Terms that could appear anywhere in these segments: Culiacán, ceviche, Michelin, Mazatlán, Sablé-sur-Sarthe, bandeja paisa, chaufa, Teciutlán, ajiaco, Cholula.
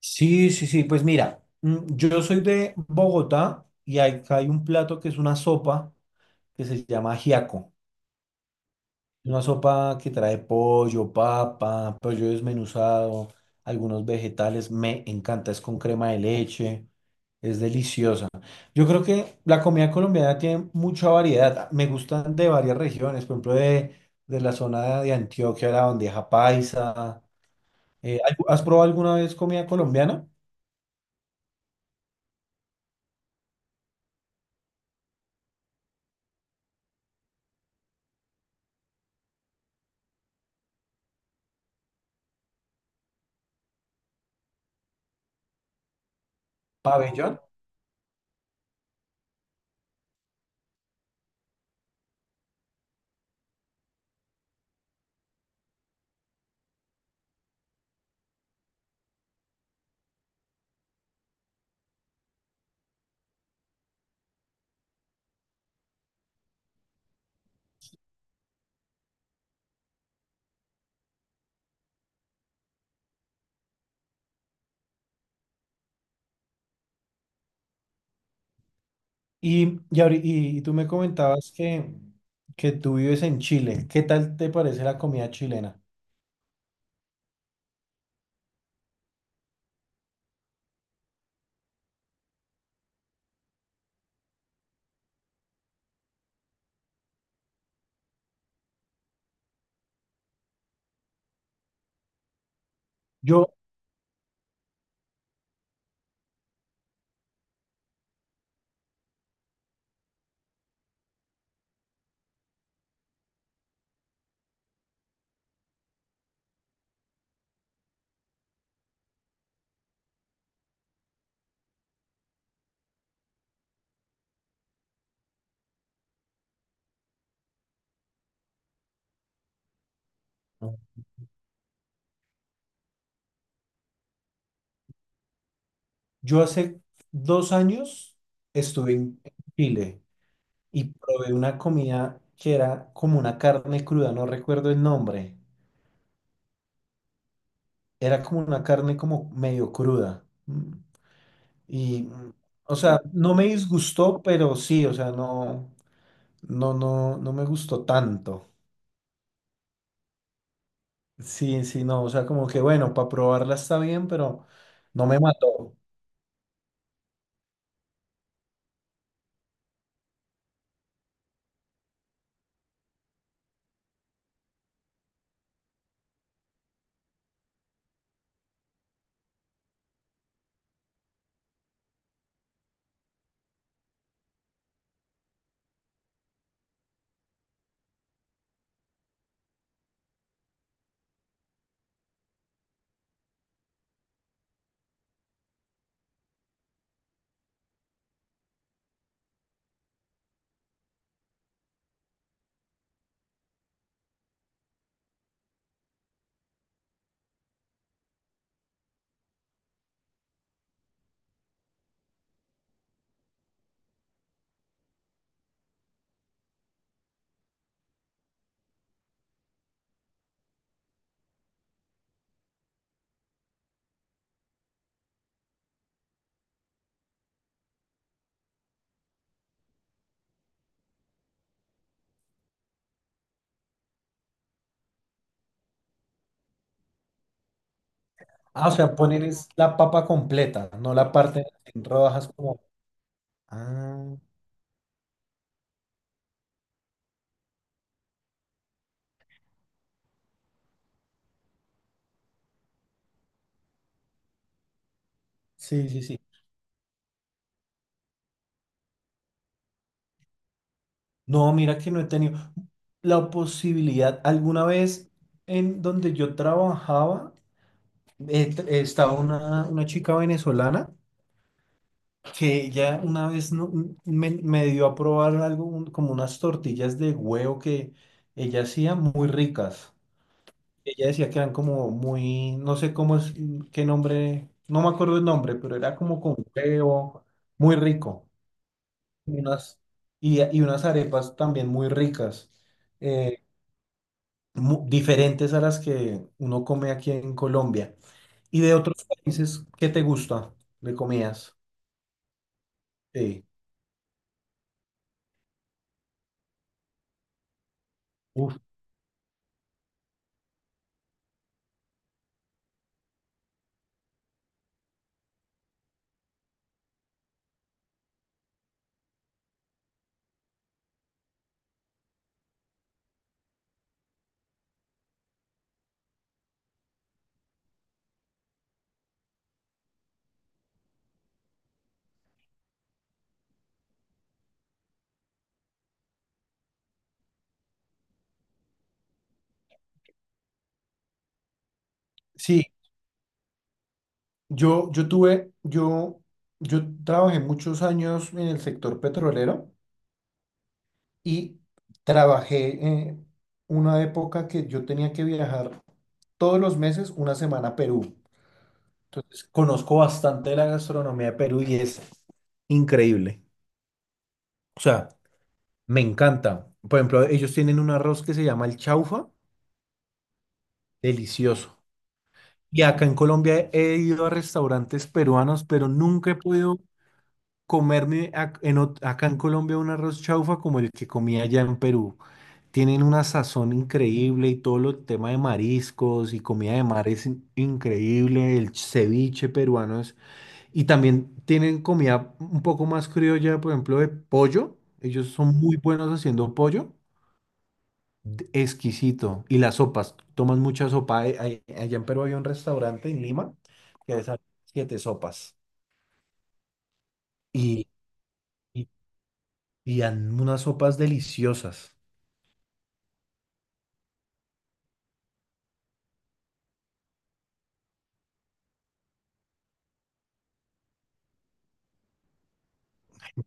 Sí, sí, sí, pues mira, yo soy de Bogotá y acá hay un plato que es una sopa que se llama ajiaco. Es una sopa que trae pollo, papa, pollo desmenuzado, algunos vegetales. Me encanta, es con crema de leche, es deliciosa. Yo creo que la comida colombiana tiene mucha variedad. Me gustan de varias regiones, por ejemplo, de la zona de Antioquia, la bandeja paisa. Eh, ¿Has probado alguna vez comida colombiana? Pabellón. Y tú me comentabas que tú vives en Chile. ¿Qué tal te parece la comida chilena? Yo, yo hace 2 años estuve en Chile y probé una comida que era como una carne cruda, no recuerdo el nombre. Era como una carne como medio cruda. Y, mm, o sea, no me disgustó, pero sí, o sea, no, no me gustó tanto. Sí, sí, no, o sea, como que bueno, para probarla está bien, pero no me mató. Ah, o sea, poner es la papa completa, no la parte en rodajas como… Ah, sí, sí, sí. No, mira que no he tenido la posibilidad. Alguna vez en donde yo trabajaba, estaba una chica venezolana que ella una vez me dio a probar algo, como unas tortillas de huevo que ella hacía muy ricas. Ella decía que eran como muy, no sé cómo es, qué nombre, no me acuerdo el nombre, pero era como con huevo, muy rico. Y unas, y unas arepas también muy ricas, eh, diferentes a las que uno come aquí en Colombia. ¿Y de otros países qué te gusta de comidas? Sí, uf, sí, yo, yo tuve, yo, yo trabajé muchos años en el sector petrolero. Y trabajé una época que yo tenía que viajar todos los meses una semana a Perú. Entonces, conozco bastante de la gastronomía de Perú y es increíble. O sea, me encanta. Por ejemplo, ellos tienen un arroz que se llama el chaufa, delicioso. Y acá en Colombia he ido a restaurantes peruanos, pero nunca he podido comerme ac- en ot- acá en Colombia un arroz chaufa como el que comía allá en Perú. Tienen una sazón increíble y todo lo tema de mariscos y comida de mar es increíble, el ceviche peruano y también tienen comida un poco más criolla, por ejemplo, de pollo. Ellos son muy buenos haciendo pollo, exquisito. Y las sopas, toman mucha sopa. Allá en Perú había un restaurante en Lima que hacía 7 sopas y, y, y dan unas sopas deliciosas.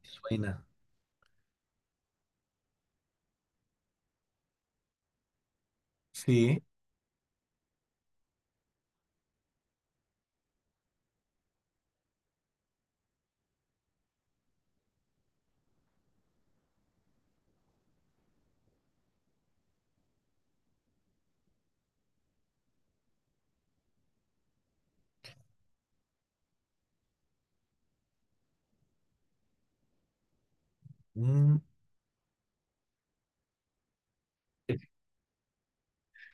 Suena. Sí. Mm.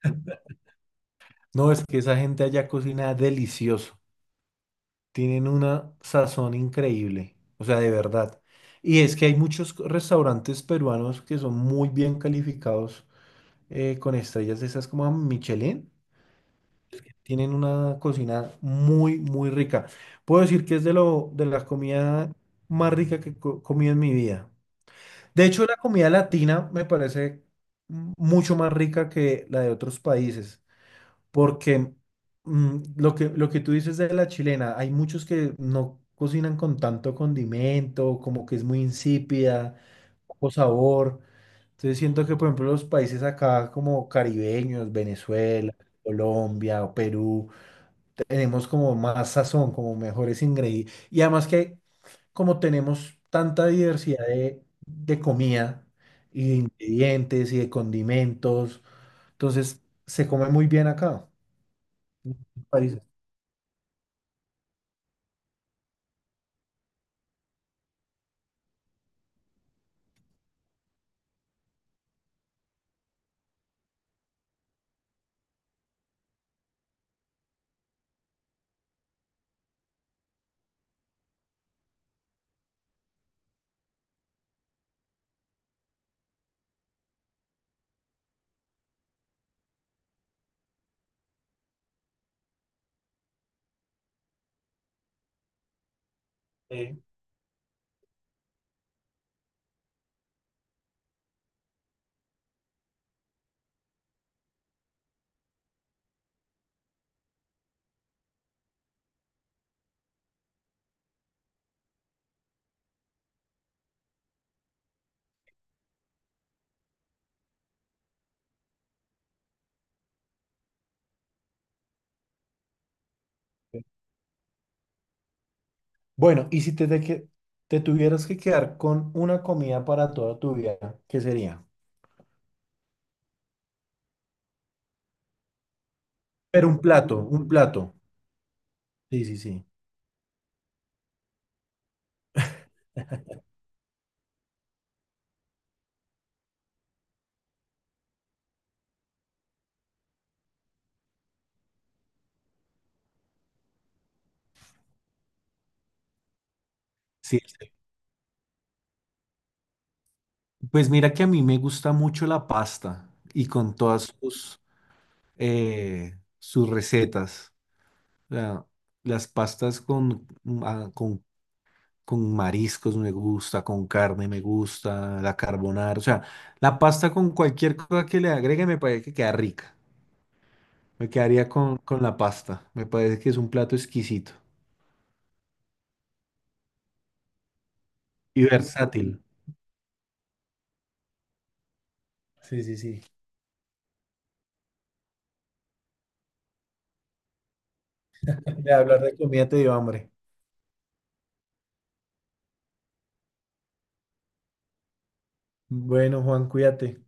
No, es que esa gente allá cocina delicioso. Tienen una sazón increíble. O sea, de verdad. Y es que hay muchos restaurantes peruanos que son muy bien calificados con estrellas de esas como Michelin. Tienen una cocina muy, muy rica. Puedo decir que es de de la comida más rica que comí en mi vida. De hecho, la comida latina me parece mucho más rica que la de otros países, porque lo que tú dices de la chilena, hay muchos que no cocinan con tanto condimento, como que es muy insípida, poco sabor. Entonces siento que, por ejemplo, los países acá como caribeños, Venezuela, Colombia o Perú, tenemos como más sazón, como mejores ingredientes. Y además que como tenemos tanta diversidad de comida y de ingredientes y de condimentos, entonces se come muy bien acá. Países. Bueno, y si te tuvieras que quedar con una comida para toda tu vida, ¿qué sería? Pero un plato, un plato. Sí, sí, sí. Sí, sí. Pues mira que a mí me gusta mucho la pasta y con todas sus recetas. O sea, las pastas con mariscos me gusta, con carne me gusta, la carbonara. O sea, la pasta con cualquier cosa que le agregue me parece que queda rica. Me quedaría con la pasta. Me parece que es un plato exquisito y versátil. Sí, sí, sí. De hablar de comida te dio hambre. Bueno, Juan, cuídate.